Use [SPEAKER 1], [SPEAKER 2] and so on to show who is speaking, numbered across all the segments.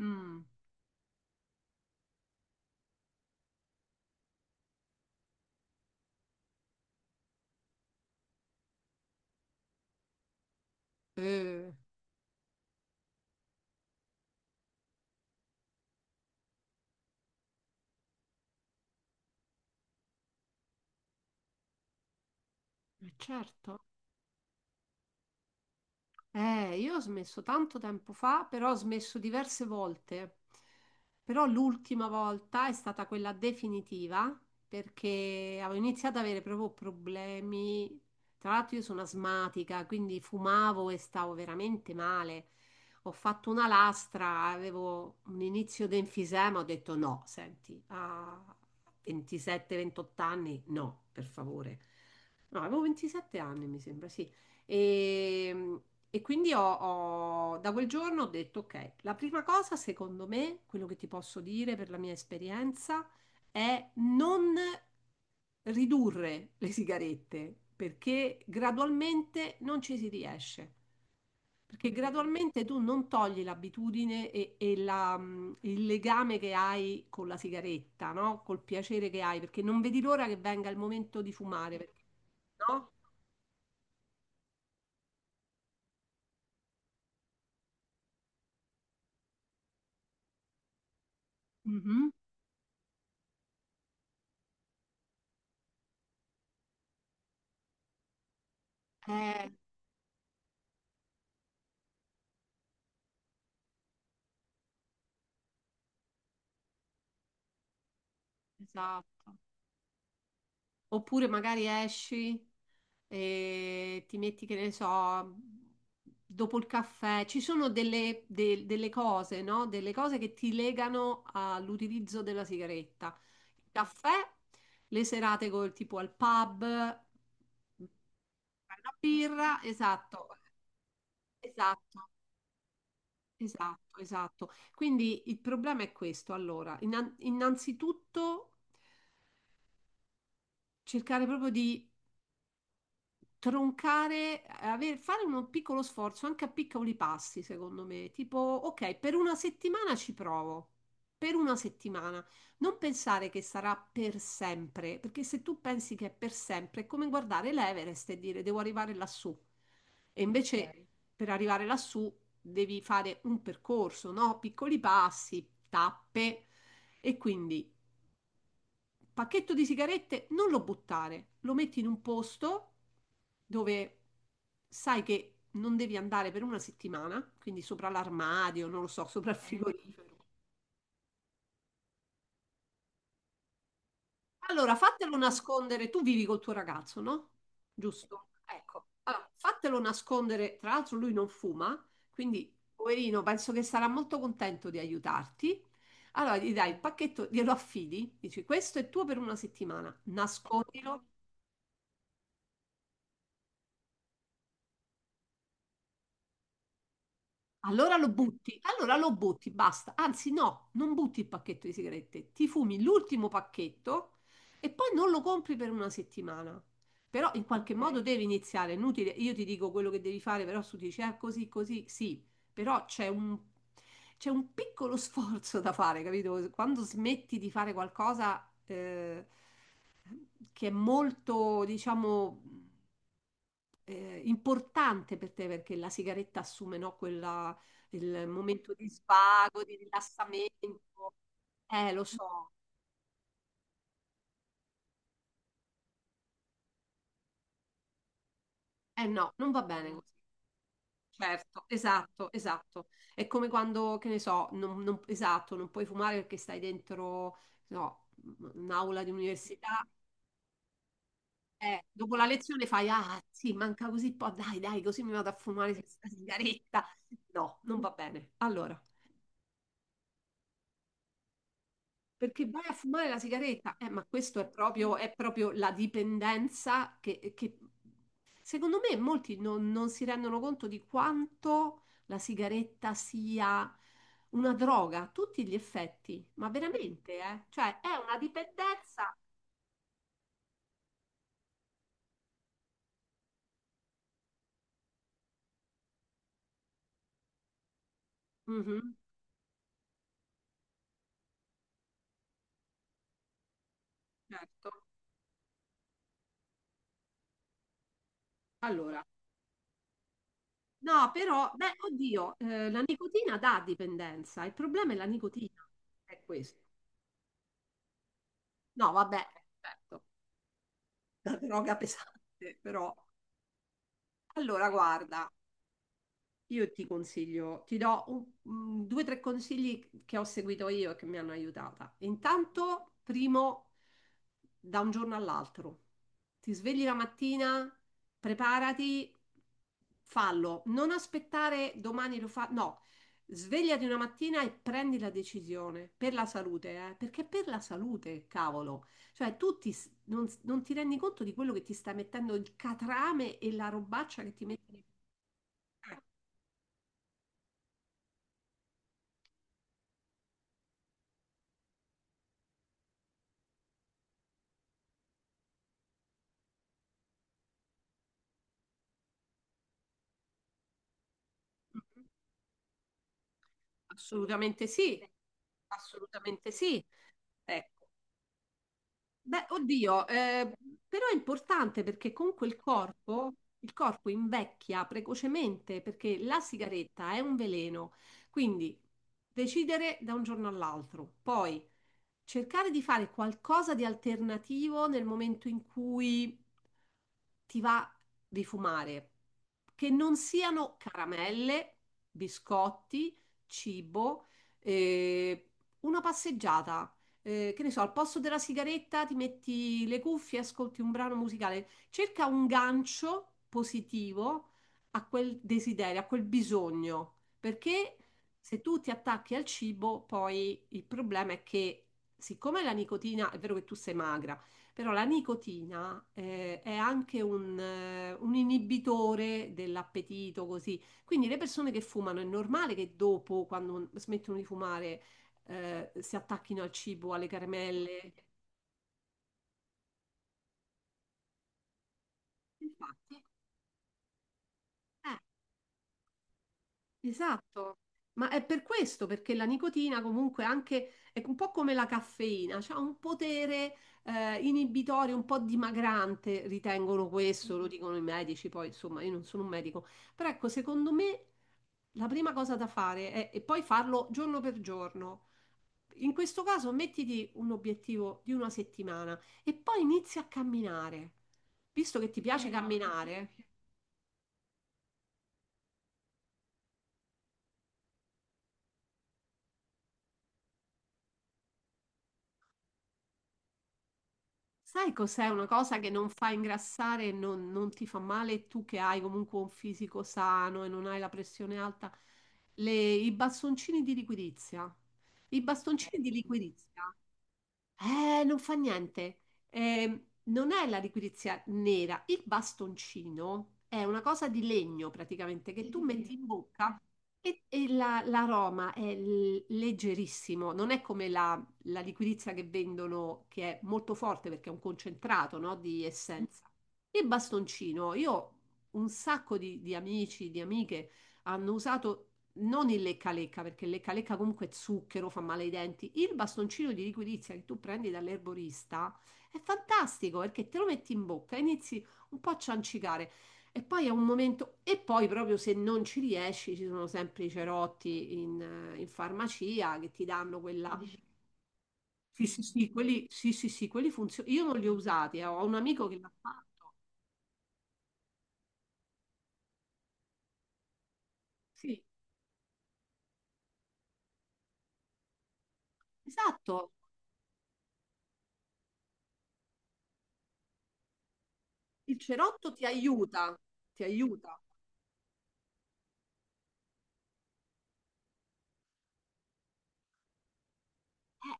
[SPEAKER 1] Mm, eh, certo. Io ho smesso tanto tempo fa, però ho smesso diverse volte. Però l'ultima volta è stata quella definitiva perché avevo iniziato ad avere proprio problemi. Tra l'altro io sono asmatica, quindi fumavo e stavo veramente male. Ho fatto una lastra, avevo un inizio di enfisema, ho detto no, senti, a 27-28 anni, no, per favore. No, avevo 27 anni, mi sembra, sì. E, e quindi da quel giorno ho detto, ok, la prima cosa, secondo me, quello che ti posso dire per la mia esperienza, è non ridurre le sigarette, perché gradualmente non ci si riesce, perché gradualmente tu non togli l'abitudine e il legame che hai con la sigaretta, no? Col piacere che hai, perché non vedi l'ora che venga il momento di fumare, perché, no? Mhm. Eh, esatto. Oppure magari esci e ti metti, che ne so, dopo il caffè. Ci sono delle cose, no? Delle cose che ti legano all'utilizzo della sigaretta. Il caffè, le serate col tipo al pub, fai una birra, esatto, esatto, esatto, esatto. Quindi il problema è questo. Allora, innanzitutto cercare proprio di troncare, fare un piccolo sforzo anche a piccoli passi, secondo me, tipo, ok, per una settimana ci provo, per una settimana, non pensare che sarà per sempre, perché se tu pensi che è per sempre, è come guardare l'Everest e dire devo arrivare lassù. E invece ok, per arrivare lassù devi fare un percorso, no? Piccoli passi, tappe. E quindi pacchetto di sigarette non lo buttare, lo metti in un posto dove sai che non devi andare per una settimana, quindi sopra l'armadio, non lo so, sopra il frigorifero. Allora, fatelo nascondere, tu vivi col tuo ragazzo, no? Giusto? Ecco. Allora, fatelo nascondere, tra l'altro lui non fuma, quindi poverino, penso che sarà molto contento di aiutarti. Allora, gli dai il pacchetto, glielo affidi, dici questo è tuo per una settimana, nascondilo. Allora lo butti, basta. Anzi, no, non butti il pacchetto di sigarette, ti fumi l'ultimo pacchetto e poi non lo compri per una settimana. Però in qualche modo ok, devi iniziare, è inutile, io ti dico quello che devi fare, però tu dici, ah, così, così, sì, però c'è un piccolo sforzo da fare, capito? Quando smetti di fare qualcosa che è molto, diciamo importante per te perché la sigaretta assume, no, quella, il momento di svago, di rilassamento. Lo so. Eh no, non va bene così. Certo, esatto, esatto. È come quando, che ne so, esatto, non puoi fumare perché stai dentro, no, un'aula di università. Dopo la lezione fai, ah sì, manca così po', dai, dai, così mi vado a fumare questa sigaretta. No, non va bene. Allora. Perché vai a fumare la sigaretta, ma questo è proprio la dipendenza che secondo me molti non si rendono conto di quanto la sigaretta sia una droga a tutti gli effetti, ma veramente, eh? Cioè è una dipendenza. Mhm, certo. Allora, no, però, beh, oddio, la nicotina dà dipendenza, il problema è la nicotina, è questo. No, vabbè, certo, la droga pesante, però. Allora, guarda, io ti consiglio, ti do un- mm, due o tre consigli che ho seguito io e che mi hanno aiutata. Intanto, primo, da un giorno all'altro. Ti svegli la mattina, preparati, fallo. Non aspettare domani lo fa. No, svegliati una mattina e prendi la decisione per la salute, eh? Perché è per la salute, cavolo. Cioè, tu ti s- non, non ti rendi conto di quello che ti sta mettendo il catrame e la robaccia che ti mette. Assolutamente sì, assolutamente sì. Ecco. Beh, oddio, però è importante perché comunque il corpo invecchia precocemente perché la sigaretta è un veleno, quindi decidere da un giorno all'altro. Poi cercare di fare qualcosa di alternativo nel momento in cui ti va di fumare, che non siano caramelle, biscotti, cibo, eh, una passeggiata. Che ne so, al posto della sigaretta ti metti le cuffie, ascolti un brano musicale, cerca un gancio positivo a quel desiderio, a quel bisogno, perché se tu ti attacchi al cibo, poi il problema è che siccome la nicotina, è vero che tu sei magra, però la nicotina è anche un inibitore dell'appetito, così. Quindi le persone che fumano è normale che dopo, quando smettono di fumare, si attacchino al cibo, alle caramelle. Infatti, eh, esatto, ma è per questo, perché la nicotina comunque anche è un po' come la caffeina, ha un potere inibitorio, un po' dimagrante, ritengono questo, lo dicono i medici, poi insomma io non sono un medico, però ecco, secondo me la prima cosa da fare è, e poi farlo giorno per giorno. In questo caso mettiti un obiettivo di una settimana e poi inizi a camminare. Visto che ti piace esatto, camminare, sai cos'è una cosa che non fa ingrassare e non ti fa male e tu che hai comunque un fisico sano e non hai la pressione alta? I bastoncini di liquidizia. I bastoncini di liquidizia non fa niente. Non è la liquirizia nera, il bastoncino è una cosa di legno praticamente che sì, tu sì, metti sì, in bocca e, l'aroma è leggerissimo, non è come la liquirizia che vendono, che è molto forte perché è un concentrato, no, di essenza. Il bastoncino, io un sacco di amici, di amiche hanno usato non il lecca-lecca, perché il lecca-lecca comunque è zucchero, fa male ai denti. Il bastoncino di liquidizia che tu prendi dall'erborista è fantastico perché te lo metti in bocca, inizi un po' a ciancicare e poi è un momento. E poi, proprio se non ci riesci, ci sono sempre i cerotti in farmacia che ti danno quella. Sì, sì, sì, quelli, sì, sì, sì, quelli funzionano. Io non li ho usati, ho un amico che l'ha fatto. Sì, esatto. Il cerotto ti aiuta, ti aiuta.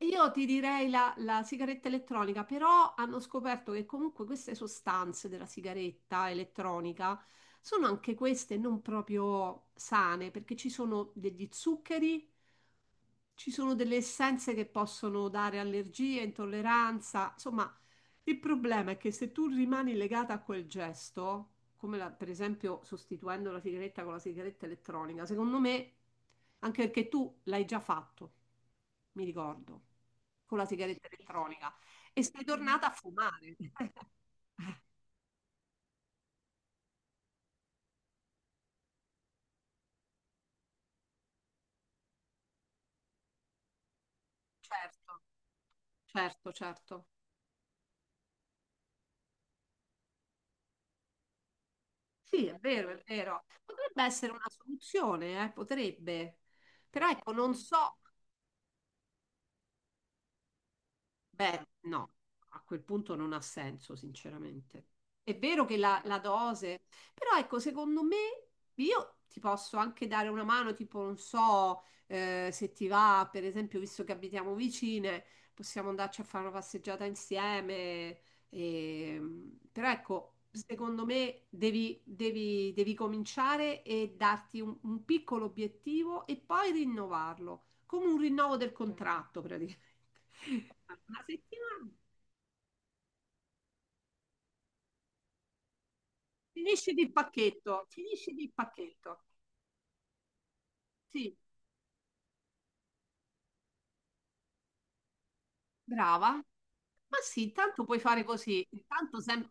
[SPEAKER 1] Io ti direi la sigaretta elettronica, però hanno scoperto che comunque queste sostanze della sigaretta elettronica sono anche queste non proprio sane, perché ci sono degli zuccheri, ci sono delle essenze che possono dare allergie, intolleranza. Insomma, il problema è che se tu rimani legata a quel gesto, come per esempio sostituendo la sigaretta con la sigaretta elettronica, secondo me, anche perché tu l'hai già fatto mi ricordo, con la sigaretta elettronica. E sei tornata a fumare. Certo, certo, certo. Sì, è vero, è vero. Potrebbe essere una soluzione, potrebbe. Però ecco, non so. Beh, no, a quel punto non ha senso, sinceramente. È vero che la dose, però ecco, secondo me io ti posso anche dare una mano, tipo, non so, se ti va, per esempio, visto che abitiamo vicine, possiamo andarci a fare una passeggiata insieme. e- Però ecco, secondo me devi cominciare e darti un piccolo obiettivo e poi rinnovarlo, come un rinnovo del contratto, una settimana. Finisci il pacchetto, finisci il pacchetto. Sì, brava. Ma sì, tanto puoi fare così. Intanto sempre...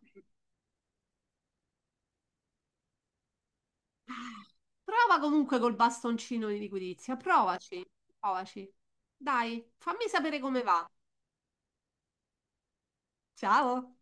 [SPEAKER 1] Ah, prova comunque col bastoncino di liquidizia. Provaci, provaci. Dai, fammi sapere come va. Ciao.